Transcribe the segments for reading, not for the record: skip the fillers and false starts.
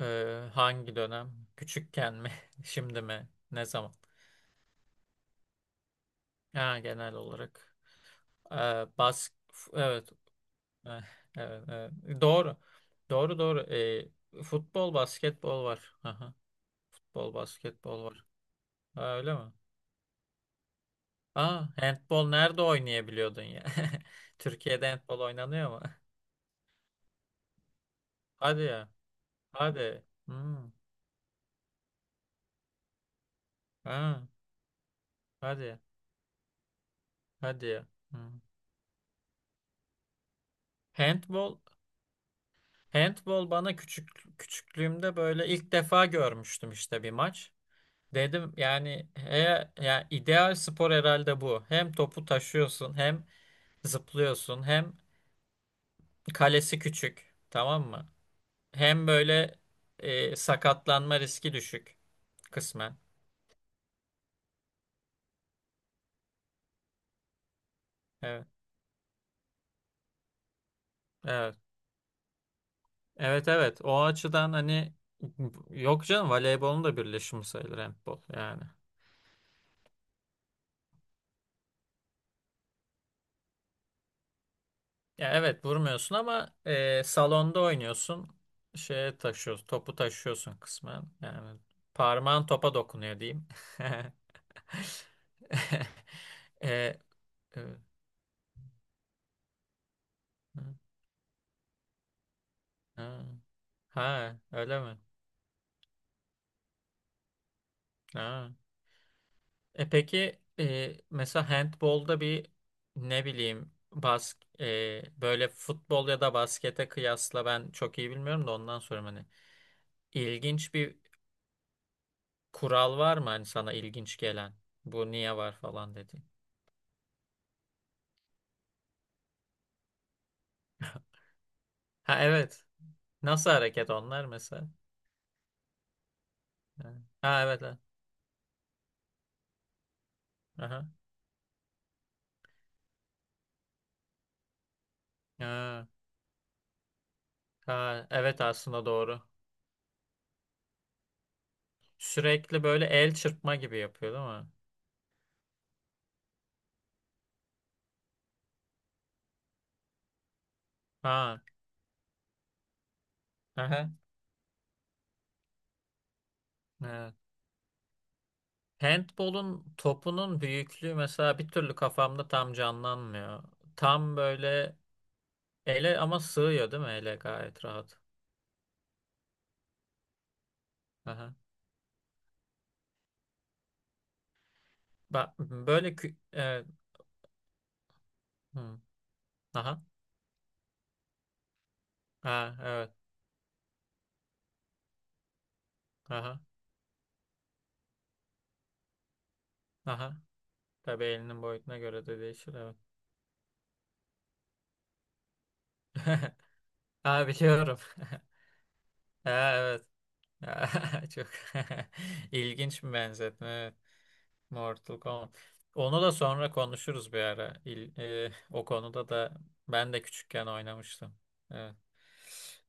Hangi dönem? Küçükken mi? Şimdi mi? Ne zaman? Ha, genel olarak. Ee, bas Evet. Eh, Evet, evet. Doğru. Doğru doğru. Futbol, basketbol var. Aha, futbol, basketbol var. Ha, öyle mi? Aa, handbol nerede oynayabiliyordun ya? Türkiye'de handbol oynanıyor mu? Hadi ya. Hadi. Hmm. Ha, hadi. Hadi ya. Hmm. Handbol Handball bana küçüklüğümde böyle ilk defa görmüştüm işte bir maç. Dedim yani he, ya ideal spor herhalde bu. Hem topu taşıyorsun, hem zıplıyorsun, hem kalesi küçük, tamam mı? Hem böyle sakatlanma riski düşük kısmen. Evet. Evet. Evet evet. O açıdan hani yok canım voleybolun da birleşimi sayılır handball yani. Ya evet vurmuyorsun ama salonda oynuyorsun. Şeye taşıyorsun, topu taşıyorsun kısmen. Yani parmağın topa dokunuyor diyeyim. E, e, ha, ha, öyle mi? Ha. E peki mesela handbolda bir ne bileyim bas e, böyle futbol ya da baskete kıyasla ben çok iyi bilmiyorum da ondan sonra hani ilginç bir kural var mı hani sana ilginç gelen? Bu niye var falan dedi. Ha evet. Nasıl hareket onlar mesela? Ha ha, evet. Evet. Aha. Ha, ha, evet aslında doğru. Sürekli böyle el çırpma gibi yapıyor değil mi? Ha. Aha. Evet. Handball'un topunun büyüklüğü mesela bir türlü kafamda tam canlanmıyor. Tam böyle ele ama sığıyor değil mi ele gayet rahat. Aha. Bak böyle kü- evet. Hı. Aha. Ha, evet. Aha. Aha. Tabii elinin boyutuna göre de değişir evet. Ha biliyorum. Ha, evet. Çok ilginç bir benzetme. Evet. Mortal Kombat. Onu da sonra konuşuruz bir ara. O konuda da ben de küçükken oynamıştım. Evet.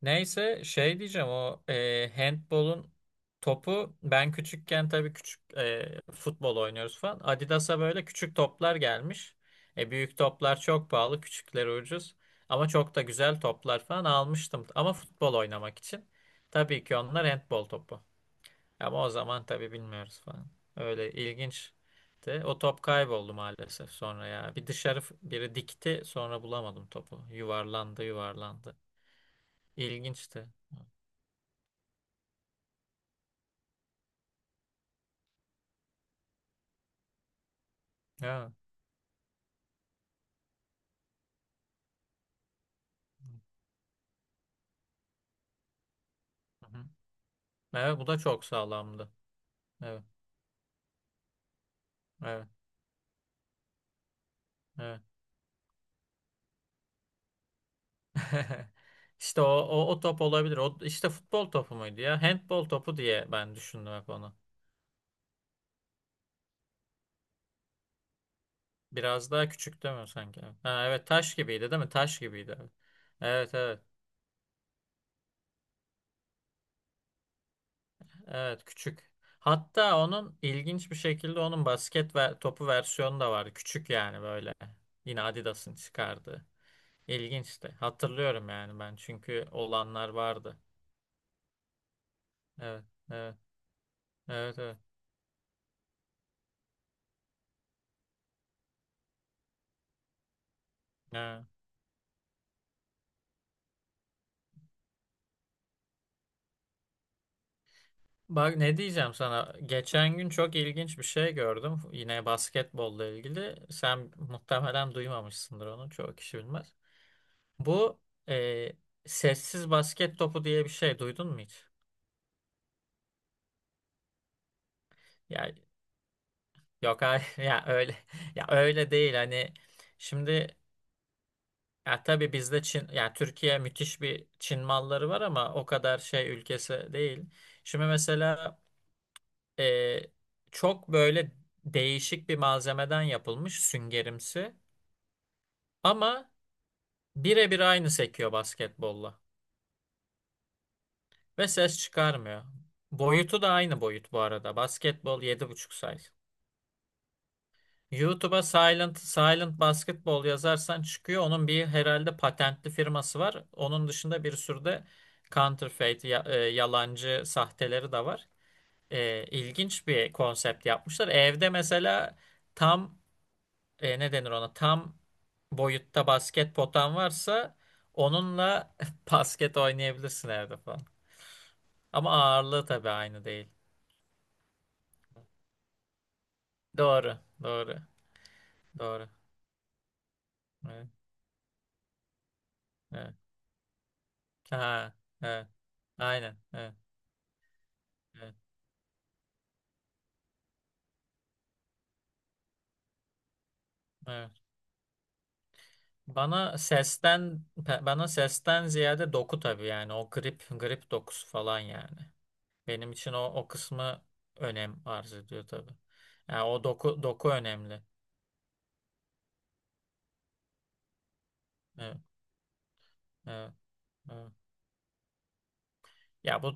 Neyse şey diyeceğim o handbolun topu ben küçükken tabii küçük futbol oynuyoruz falan. Adidas'a böyle küçük toplar gelmiş. E, büyük toplar çok pahalı, küçükleri ucuz. Ama çok da güzel toplar falan almıştım. Ama futbol oynamak için. Tabii ki onlar handbol topu. Ama o zaman tabii bilmiyoruz falan. Öyle ilginçti. O top kayboldu maalesef sonra ya. Bir dışarı f- biri dikti sonra bulamadım topu. Yuvarlandı yuvarlandı. İlginçti. Evet. Hı hı. Evet bu da çok sağlamdı. Evet. Evet. Evet. İşte o top olabilir. O, işte futbol topu muydu ya? Handbol topu diye ben düşündüm hep onu. Biraz daha küçük değil mi sanki? Evet. Ha, evet taş gibiydi değil mi? Taş gibiydi. Evet evet. Evet, Evet, küçük. Hatta onun ilginç bir şekilde onun basket ve topu versiyonu da vardı. Küçük yani böyle. Yine Adidas'ın çıkardığı. İlginçti. Hatırlıyorum yani ben çünkü olanlar vardı. Evet. Evet. Evet evet. Ha. Bak ne diyeceğim sana. Geçen gün çok ilginç bir şey gördüm. Yine basketbolla ilgili. Sen muhtemelen duymamışsındır onu. Çoğu kişi bilmez. Bu e, Sessiz basket topu diye bir şey duydun mu hiç? Ya yok hayır ya öyle ya öyle değil hani şimdi ya tabii bizde Çin ya Türkiye müthiş bir Çin malları var ama o kadar şey ülkesi değil. Şimdi mesela e, çok böyle değişik bir malzemeden yapılmış süngerimsi. Ama birebir aynı sekiyor basketbolla. Ve ses çıkarmıyor. Boyutu da aynı boyut bu arada. Basketbol 7.5 size. YouTube'a Silent Silent basketball yazarsan çıkıyor. Onun bir herhalde patentli firması var. Onun dışında bir sürü de counterfeit, yalancı sahteleri de var. E, ilginç bir konsept yapmışlar. Evde mesela tam ne denir ona tam boyutta basket potan varsa onunla basket oynayabilirsin evde falan. Ama ağırlığı tabii aynı değil. Doğru, doğru, doğru. Evet, evet. Ha, evet, aynen, evet, evet, evet. Bana sesten ziyade doku tabii yani o grip grip dokusu falan yani. Benim için o kısmı önem arz ediyor tabii. Yani o doku doku önemli. Evet, evet, evet. Ya bu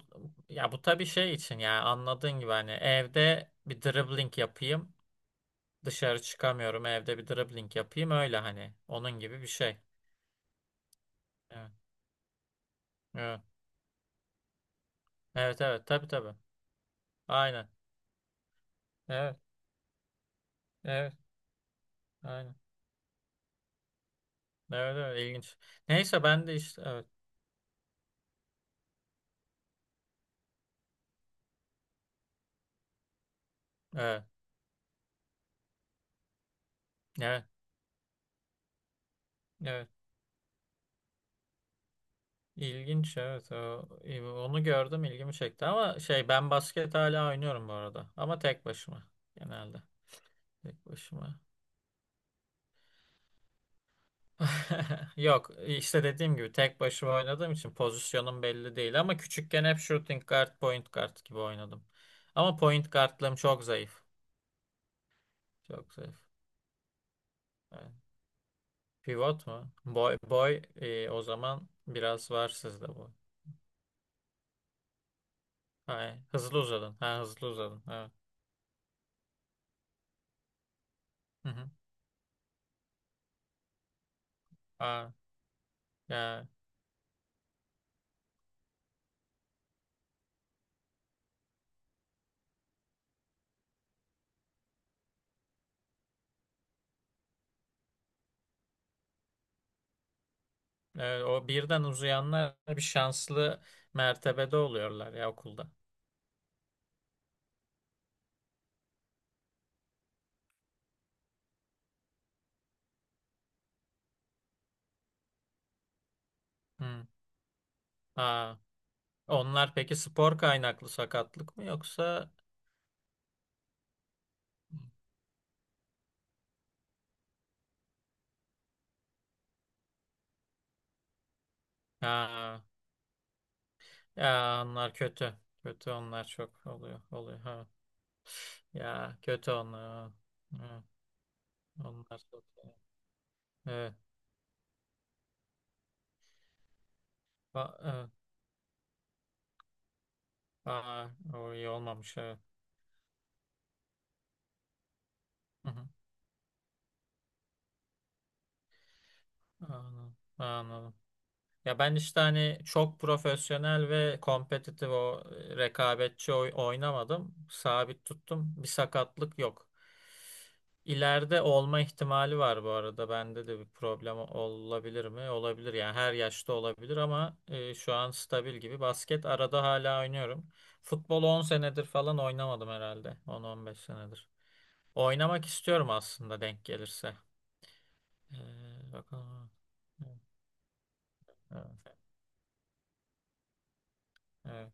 ya bu tabii şey için ya anladığın gibi hani evde bir dribbling yapayım. Dışarı çıkamıyorum evde bir dribbling yapayım öyle hani onun gibi bir şey. Evet. Evet evet, evet tabii tabii. Aynen. Evet. Evet. Aynen. Evet evet ilginç. Neyse ben de işte evet. Evet. Evet. Evet. İlginç evet. O- Onu gördüm ilgimi çekti ama şey ben basket hala oynuyorum bu arada. Ama tek başıma genelde. Tek başıma. Yok işte dediğim gibi tek başıma oynadığım için pozisyonum belli değil ama küçükken hep shooting guard, point guard gibi oynadım. Ama point guardlığım çok zayıf. Çok zayıf. Evet. Pivot mu? O zaman biraz var sizde bu. Ha, hızlı uzadın. Ha hızlı uzadın. Evet. Hı hı. Ha, ya, evet, o birden uzayanlar bir şanslı mertebede oluyorlar ya okulda. Hı. Ha. Onlar peki spor kaynaklı sakatlık mı yoksa Ha, ya onlar kötü. Kötü onlar çok oluyor. Oluyor ha. Ya kötü onlar. Ha. Onlar çok. Evet. Ba evet. Aa, o iyi olmamış evet. Hı hı. Anladım. Anladım. Ya ben işte hani çok profesyonel ve kompetitif o rekabetçi oy- oynamadım. Sabit tuttum. Bir sakatlık yok. İleride olma ihtimali var bu arada. Bende de bir problem olabilir mi? Olabilir. Yani her yaşta olabilir ama şu an stabil gibi. Basket arada hala oynuyorum. Futbol 10 senedir falan oynamadım herhalde. 10-15 senedir. Oynamak istiyorum aslında denk gelirse. Bakalım. Evet. Evet.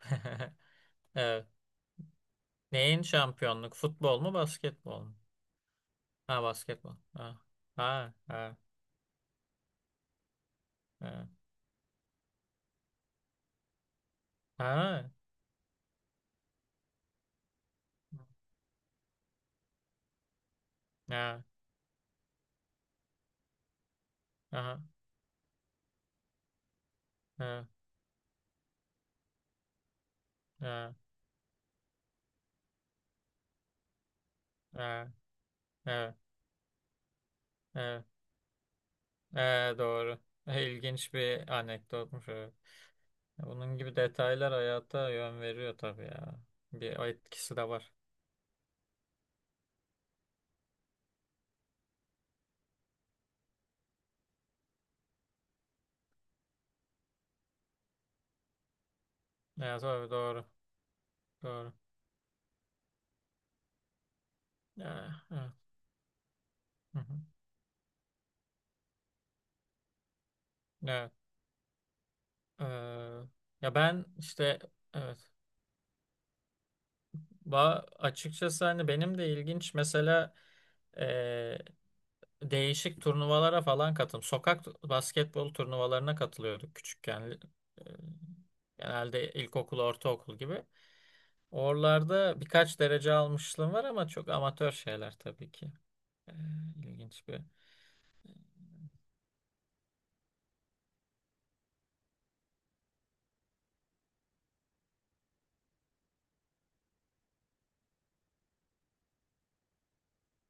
Evet. Neyin şampiyonluk? Futbol mu, basketbol mu? Ha, basketbol. Ha, ha, ha, ha. Ha. Ha. Aha. Ha. Ha. Evet, evet, evet, evet, doğru. İlginç bir anekdotmuş. Evet. Bunun gibi detaylar hayata yön veriyor tabii ya. Bir etkisi de var. Evet, tabii doğru, doğru. Evet, evet. Hı hı. Evet. Ee, Ya ben işte evet. Ba Açıkçası hani benim de ilginç mesela e, değişik turnuvalara falan katıldım. Sokak basketbol turnuvalarına katılıyorduk küçükken. E, Genelde ilkokul, ortaokul gibi. Oralarda birkaç derece almışlığım var ama çok amatör şeyler tabii ki. Ee, ilginç bir.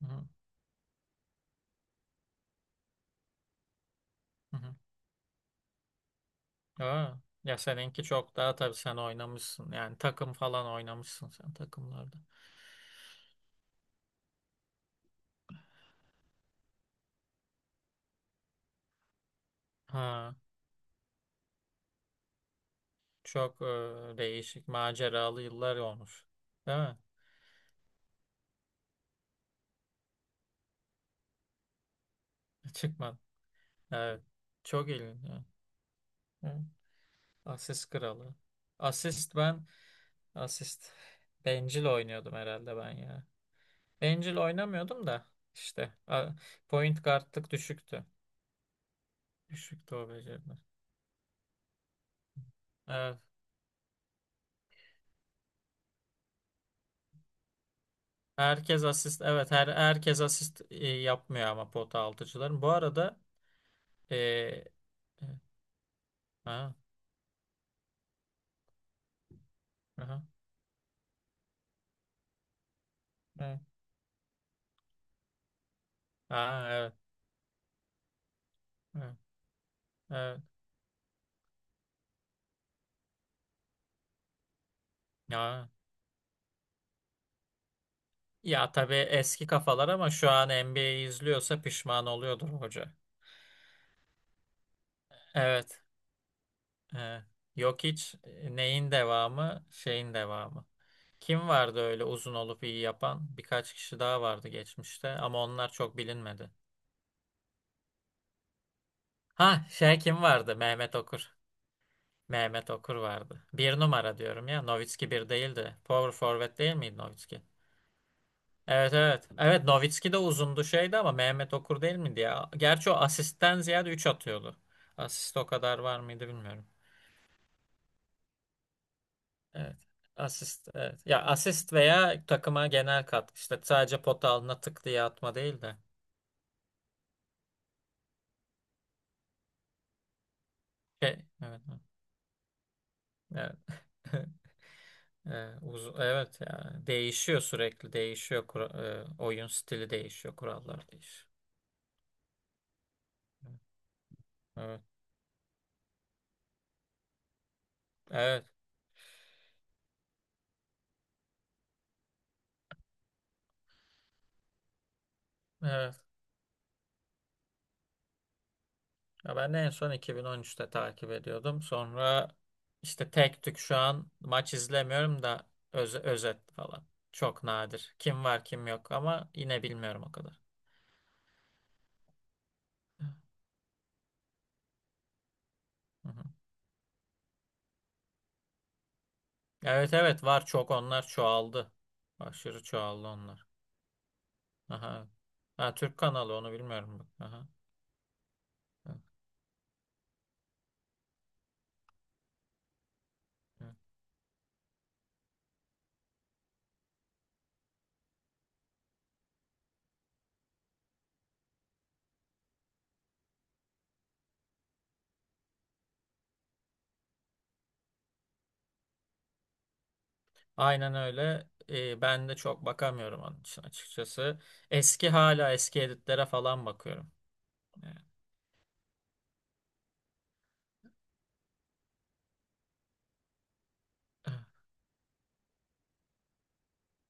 Hı hı. hı. Aa, ya seninki çok daha tabii sen oynamışsın. Yani takım falan oynamışsın sen takımlarda. Ha, Çok değişik maceralı yıllar olmuş. Değil mi? Çıkmadı. Evet. Çok ilginç. Evet. Evet. Asist kralı. Asist ben asist bencil oynuyordum herhalde ben ya. Bencil oynamıyordum da işte a- point guardlık düşüktü. Düşüktü o beceriler. Evet. Herkes asist evet her herkes asist yapmıyor ama pota altıcıların. Bu arada e, e, ha, aha, evet. Ha, evet, evet, evet. Ya, ya tabii eski kafalar ama şu an NBA'yi izliyorsa pişman oluyordur hoca. Evet. evet. Yok hiç neyin devamı, şeyin devamı. Kim vardı öyle uzun olup iyi yapan? Birkaç kişi daha vardı geçmişte ama onlar çok bilinmedi. Ha şey kim vardı? Mehmet Okur. Mehmet Okur vardı. Bir numara diyorum ya. Nowitzki bir değildi. Power forward değil miydi Nowitzki? Evet evet. Evet Nowitzki de uzundu şeydi ama Mehmet Okur değil miydi ya? Gerçi o asistten ziyade 3 atıyordu. Asist o kadar var mıydı bilmiyorum. Evet. Asist evet. Ya asist veya takıma genel katkı işte sadece pota altına tık diye atma değil de. Şey, evet. Evet. Evet ya değişiyor sürekli değişiyor oyun stili değişiyor kurallar değişiyor. Evet evet evet. Ya ben de en son 2013'te takip ediyordum. Sonra işte tek tük şu an maç izlemiyorum da özet falan. Çok nadir. Kim var kim yok ama yine bilmiyorum o kadar. Hı hı. Evet evet var çok onlar çoğaldı. Aşırı çoğaldı onlar. Aha. evet. Ha, Türk kanalı onu bilmiyorum. Bak. Aha. Evet. evet. Aynen öyle. Ben de çok bakamıyorum onun için açıkçası. Eski hala eski editlere falan bakıyorum. Ee,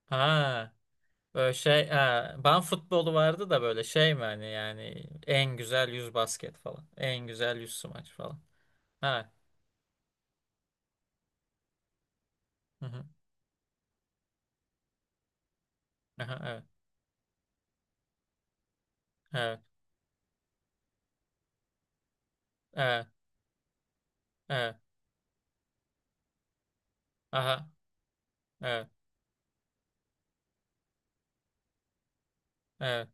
Ha, böyle şey, ha, ben futbolu vardı da böyle şey mi hani yani en güzel 100 basket falan. En güzel 100 smaç falan. Ha. Hı hı. Aha, evet. Evet. Evet. Evet. Aha. Evet. Evet.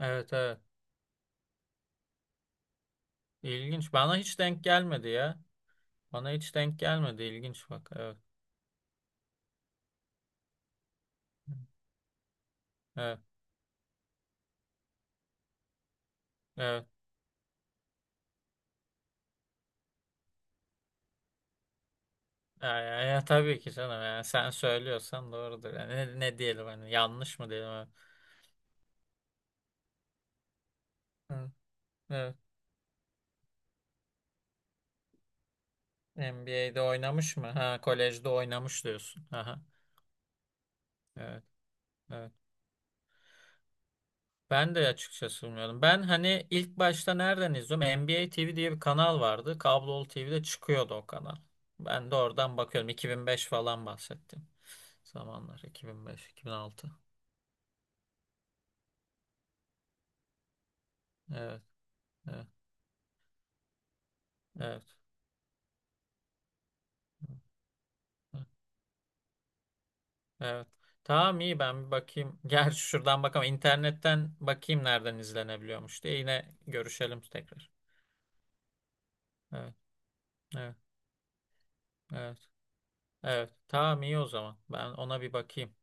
Evet. Evet. İlginç. Bana hiç denk gelmedi ya. Bana hiç denk gelmedi. İlginç bak. Evet. Evet. Evet. Ya, ya, ya tabii ki canım ya sen söylüyorsan doğrudur. Yani ne, ne diyelim hani yanlış mı diyelim? Ha? Hı, evet. NBA'de oynamış mı? Ha kolejde oynamış diyorsun. Aha. Evet, evet. Ben de açıkçası bilmiyordum. Ben hani ilk başta nereden izliyorum? NBA TV diye bir kanal vardı. Kablolu TV'de çıkıyordu o kanal. Ben de oradan bakıyorum. 2005 falan bahsettim. Zamanlar 2005, 2006. Evet, evet, evet. Evet. Tamam iyi ben bir bakayım. Gerçi şuradan bakamam. İnternetten bakayım nereden izlenebiliyormuş diye. Yine görüşelim tekrar. Evet. Evet. Evet. Evet. Tamam iyi o zaman. Ben ona bir bakayım.